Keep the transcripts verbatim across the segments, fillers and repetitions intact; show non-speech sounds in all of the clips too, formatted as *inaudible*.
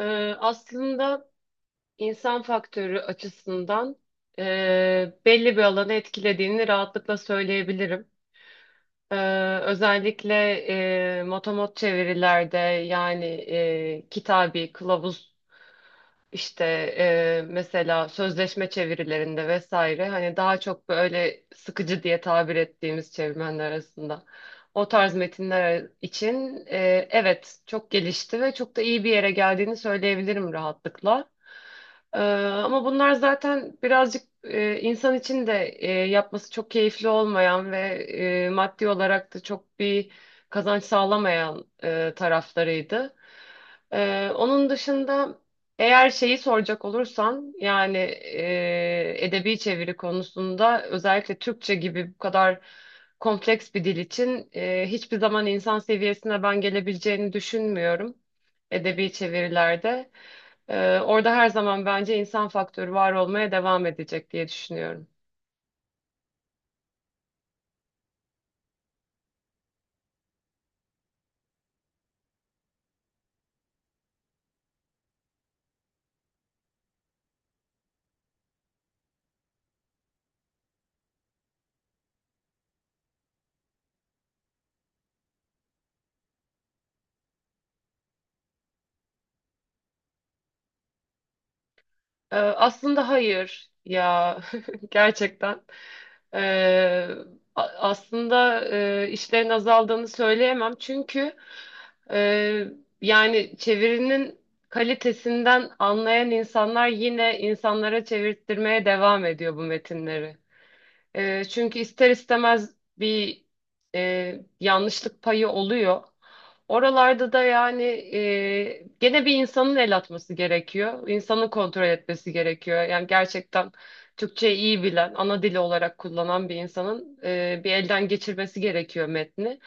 Ee, aslında insan faktörü açısından e, belli bir alanı etkilediğini rahatlıkla söyleyebilirim. Ee, özellikle e, motomot çevirilerde yani e, kitabi, kılavuz işte e, mesela sözleşme çevirilerinde vesaire, hani daha çok böyle sıkıcı diye tabir ettiğimiz çevirmenler arasında o tarz metinler için e, evet, çok gelişti ve çok da iyi bir yere geldiğini söyleyebilirim rahatlıkla. E, Ama bunlar zaten birazcık e, insan için de e, yapması çok keyifli olmayan ve e, maddi olarak da çok bir kazanç sağlamayan e, taraflarıydı. E, onun dışında. Eğer şeyi soracak olursan yani e, edebi çeviri konusunda özellikle Türkçe gibi bu kadar kompleks bir dil için e, hiçbir zaman insan seviyesine ben gelebileceğini düşünmüyorum edebi çevirilerde. E, orada her zaman bence insan faktörü var olmaya devam edecek diye düşünüyorum. Ee, aslında hayır ya, *laughs* gerçekten. Ee, a- Aslında e, işlerin azaldığını söyleyemem, çünkü e, yani çevirinin kalitesinden anlayan insanlar yine insanlara çevirttirmeye devam ediyor bu metinleri. E, çünkü ister istemez bir e, yanlışlık payı oluyor. Oralarda da yani e, gene bir insanın el atması gerekiyor. İnsanın kontrol etmesi gerekiyor. Yani gerçekten Türkçeyi iyi bilen, ana dili olarak kullanan bir insanın e, bir elden geçirmesi gerekiyor metni.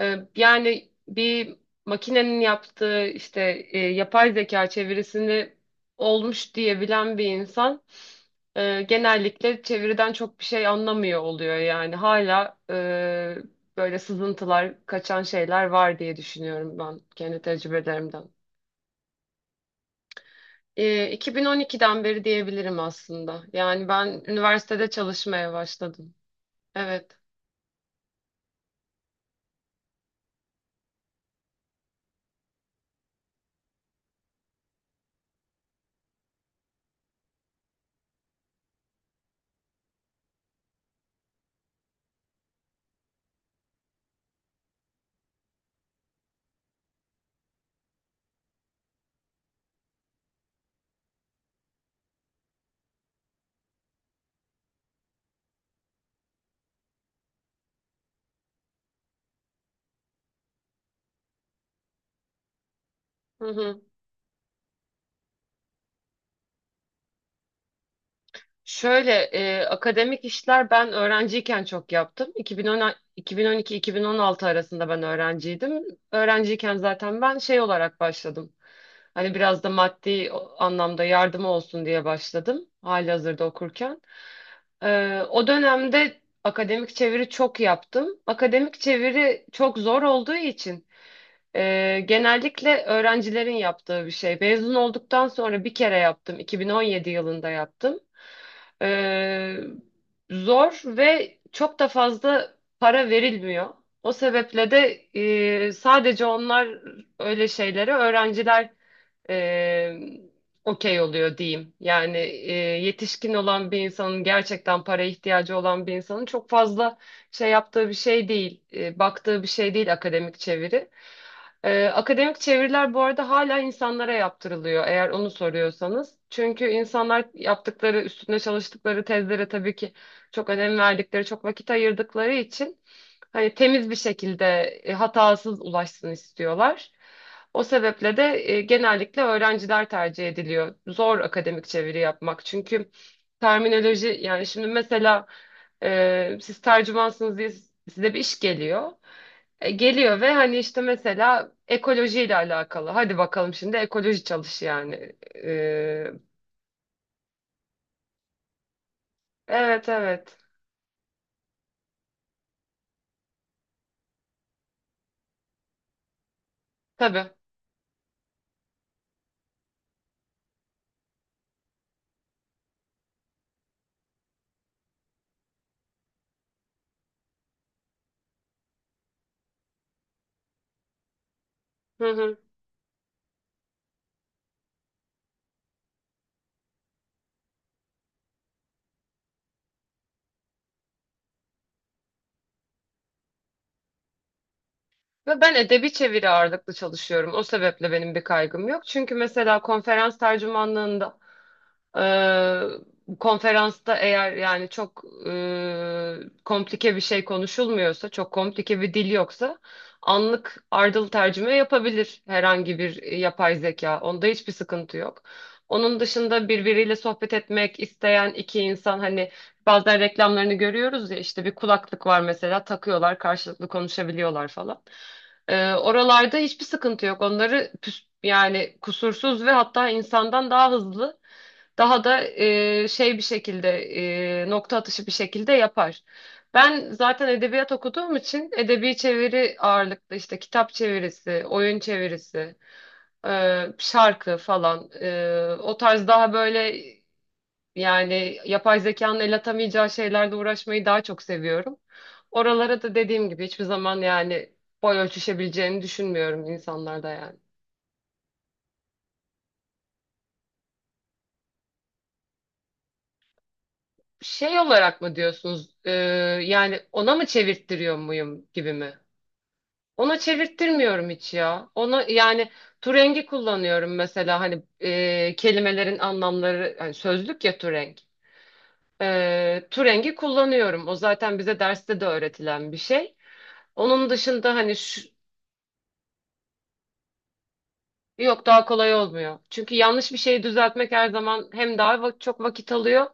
E, yani bir makinenin yaptığı işte e, yapay zeka çevirisini olmuş diyebilen bir insan e, genellikle çeviriden çok bir şey anlamıyor oluyor yani. Hala e, böyle sızıntılar, kaçan şeyler var diye düşünüyorum ben kendi tecrübelerimden. E, iki bin on ikiden beri diyebilirim aslında. Yani ben üniversitede çalışmaya başladım. Evet. Hı hı. Şöyle e, akademik işler ben öğrenciyken çok yaptım. iki bin on, iki bin on iki-iki bin on altı arasında ben öğrenciydim. Öğrenciyken zaten ben şey olarak başladım. Hani biraz da maddi o- anlamda yardım olsun diye başladım halihazırda okurken. E, o dönemde akademik çeviri çok yaptım. Akademik çeviri çok zor olduğu için ee, genellikle öğrencilerin yaptığı bir şey. Mezun olduktan sonra bir kere yaptım. iki bin on yedi yılında yaptım. Ee, Zor ve çok da fazla para verilmiyor. O sebeple de e, sadece onlar öyle şeyleri öğrenciler e, okey oluyor diyeyim. Yani e, yetişkin olan bir insanın, gerçekten para ihtiyacı olan bir insanın çok fazla şey yaptığı bir şey değil, e, baktığı bir şey değil akademik çeviri. Ee, akademik çeviriler bu arada hala insanlara yaptırılıyor eğer onu soruyorsanız. Çünkü insanlar yaptıkları, üstünde çalıştıkları tezlere tabii ki çok önem verdikleri, çok vakit ayırdıkları için hani temiz bir şekilde e, hatasız ulaşsın istiyorlar. O sebeple de e, genellikle öğrenciler tercih ediliyor. Zor akademik çeviri yapmak. Çünkü terminoloji yani şimdi mesela e, siz tercümansınız diye size bir iş geliyor. E, Geliyor ve hani işte mesela ekolojiyle alakalı. Hadi bakalım şimdi ekoloji çalış yani. Ee, evet evet. Tabii. Hı hı. Ve ben edebi çeviri ağırlıklı çalışıyorum. O sebeple benim bir kaygım yok. Çünkü mesela konferans tercümanlığında Ee, konferansta eğer yani çok e, komplike bir şey konuşulmuyorsa, çok komplike bir dil yoksa anlık ardıl tercüme yapabilir herhangi bir yapay zeka. Onda hiçbir sıkıntı yok. Onun dışında birbiriyle sohbet etmek isteyen iki insan, hani bazen reklamlarını görüyoruz ya işte bir kulaklık var mesela, takıyorlar karşılıklı konuşabiliyorlar falan. Ee, oralarda hiçbir sıkıntı yok. Onları püs- yani kusursuz ve hatta insandan daha hızlı, daha da e, şey bir şekilde, e, nokta atışı bir şekilde yapar. Ben zaten edebiyat okuduğum için edebi çeviri ağırlıklı işte kitap çevirisi, oyun çevirisi, e, şarkı falan, e, o tarz daha böyle yani yapay zekanın el atamayacağı şeylerle uğraşmayı daha çok seviyorum. Oralara da dediğim gibi hiçbir zaman yani boy ölçüşebileceğini düşünmüyorum insanlarda yani. Şey olarak mı diyorsunuz? E, yani ona mı çevirttiriyor muyum gibi mi? Ona çevirttirmiyorum hiç ya. Ona yani Turengi kullanıyorum mesela, hani e, kelimelerin anlamları, hani sözlük ya Turenk. E, Turengi kullanıyorum. O zaten bize derste de öğretilen bir şey. Onun dışında hani şu, yok daha kolay olmuyor. Çünkü yanlış bir şeyi düzeltmek her zaman hem daha va- çok vakit alıyor,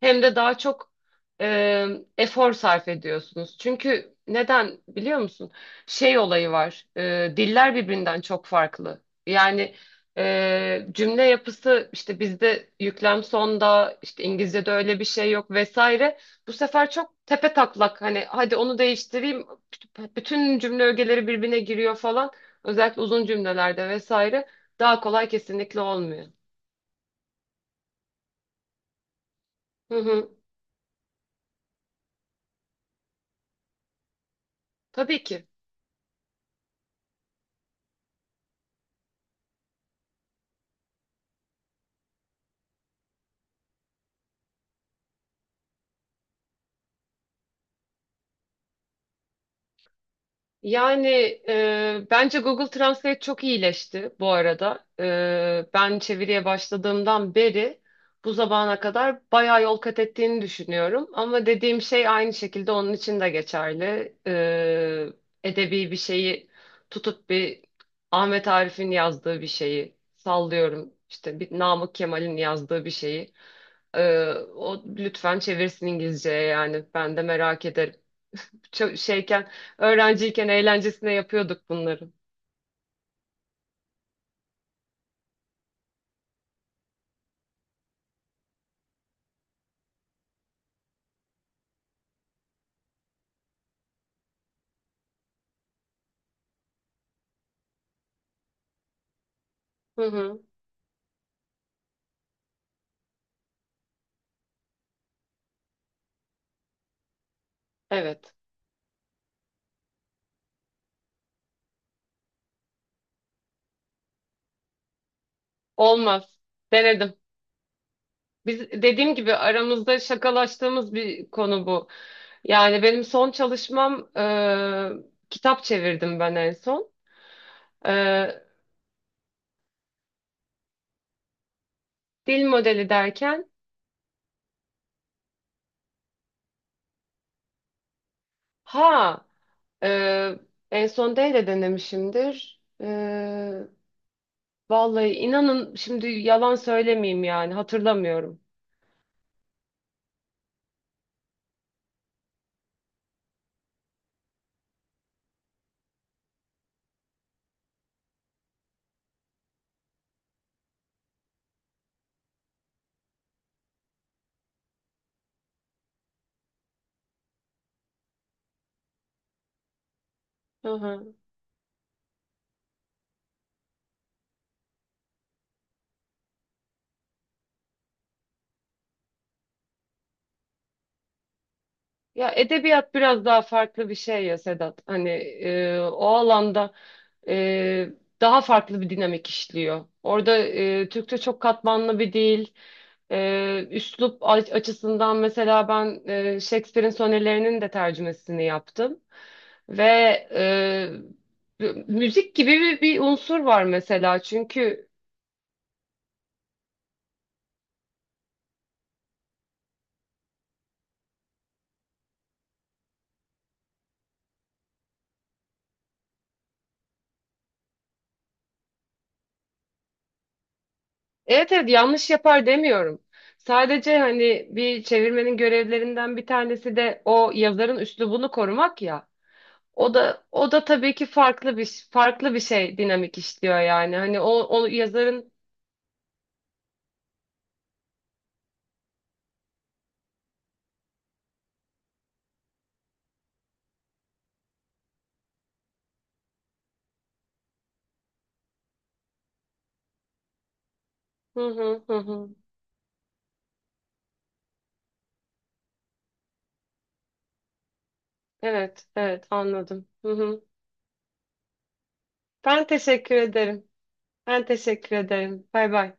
hem de daha çok e, efor sarf ediyorsunuz. Çünkü neden biliyor musun? Şey olayı var. E, diller birbirinden çok farklı. Yani e, cümle yapısı işte bizde yüklem sonda, işte İngilizce'de öyle bir şey yok vesaire. Bu sefer çok tepe taklak, hani hadi onu değiştireyim. Bütün cümle ögeleri birbirine giriyor falan. Özellikle uzun cümlelerde vesaire. Daha kolay kesinlikle olmuyor. Hı hı. Tabii ki. Yani e, bence Google Translate çok iyileşti bu arada. E, ben çeviriye başladığımdan beri bu zamana kadar bayağı yol kat ettiğini düşünüyorum. Ama dediğim şey aynı şekilde onun için de geçerli. E, edebi bir şeyi tutup bir Ahmet Arif'in yazdığı bir şeyi sallıyorum. İşte bir Namık Kemal'in yazdığı bir şeyi, Ee, o lütfen çevirsin İngilizceye, yani ben de merak ederim. Çok şeyken öğrenciyken eğlencesine yapıyorduk bunları. Hı hı. Evet. Olmaz. Denedim. Biz dediğim gibi aramızda şakalaştığımız bir konu bu. Yani benim son çalışmam e, kitap çevirdim ben en son. E, Dil modeli derken, ha e, en son D ile denemişimdir. E, Vallahi inanın, şimdi yalan söylemeyeyim, yani hatırlamıyorum. Hı hı. Ya edebiyat biraz daha farklı bir şey ya Sedat. Hani e, o alanda e, daha farklı bir dinamik işliyor. Orada e, Türkçe çok katmanlı bir dil. E, üslup a- açısından mesela ben e, Shakespeare'in sonelerinin de tercümesini yaptım. Ve e, müzik gibi bir, bir unsur var mesela. Çünkü evet evet, yanlış yapar demiyorum. Sadece hani bir çevirmenin görevlerinden bir tanesi de o yazarın üslubunu korumak ya. O da o da tabii ki farklı bir farklı bir şey, dinamik işliyor yani. Hani o o yazarın hı hı hı hı. Evet evet, anladım. Hı hı. Ben teşekkür ederim. Ben teşekkür ederim. Bay bay.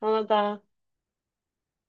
Sana da.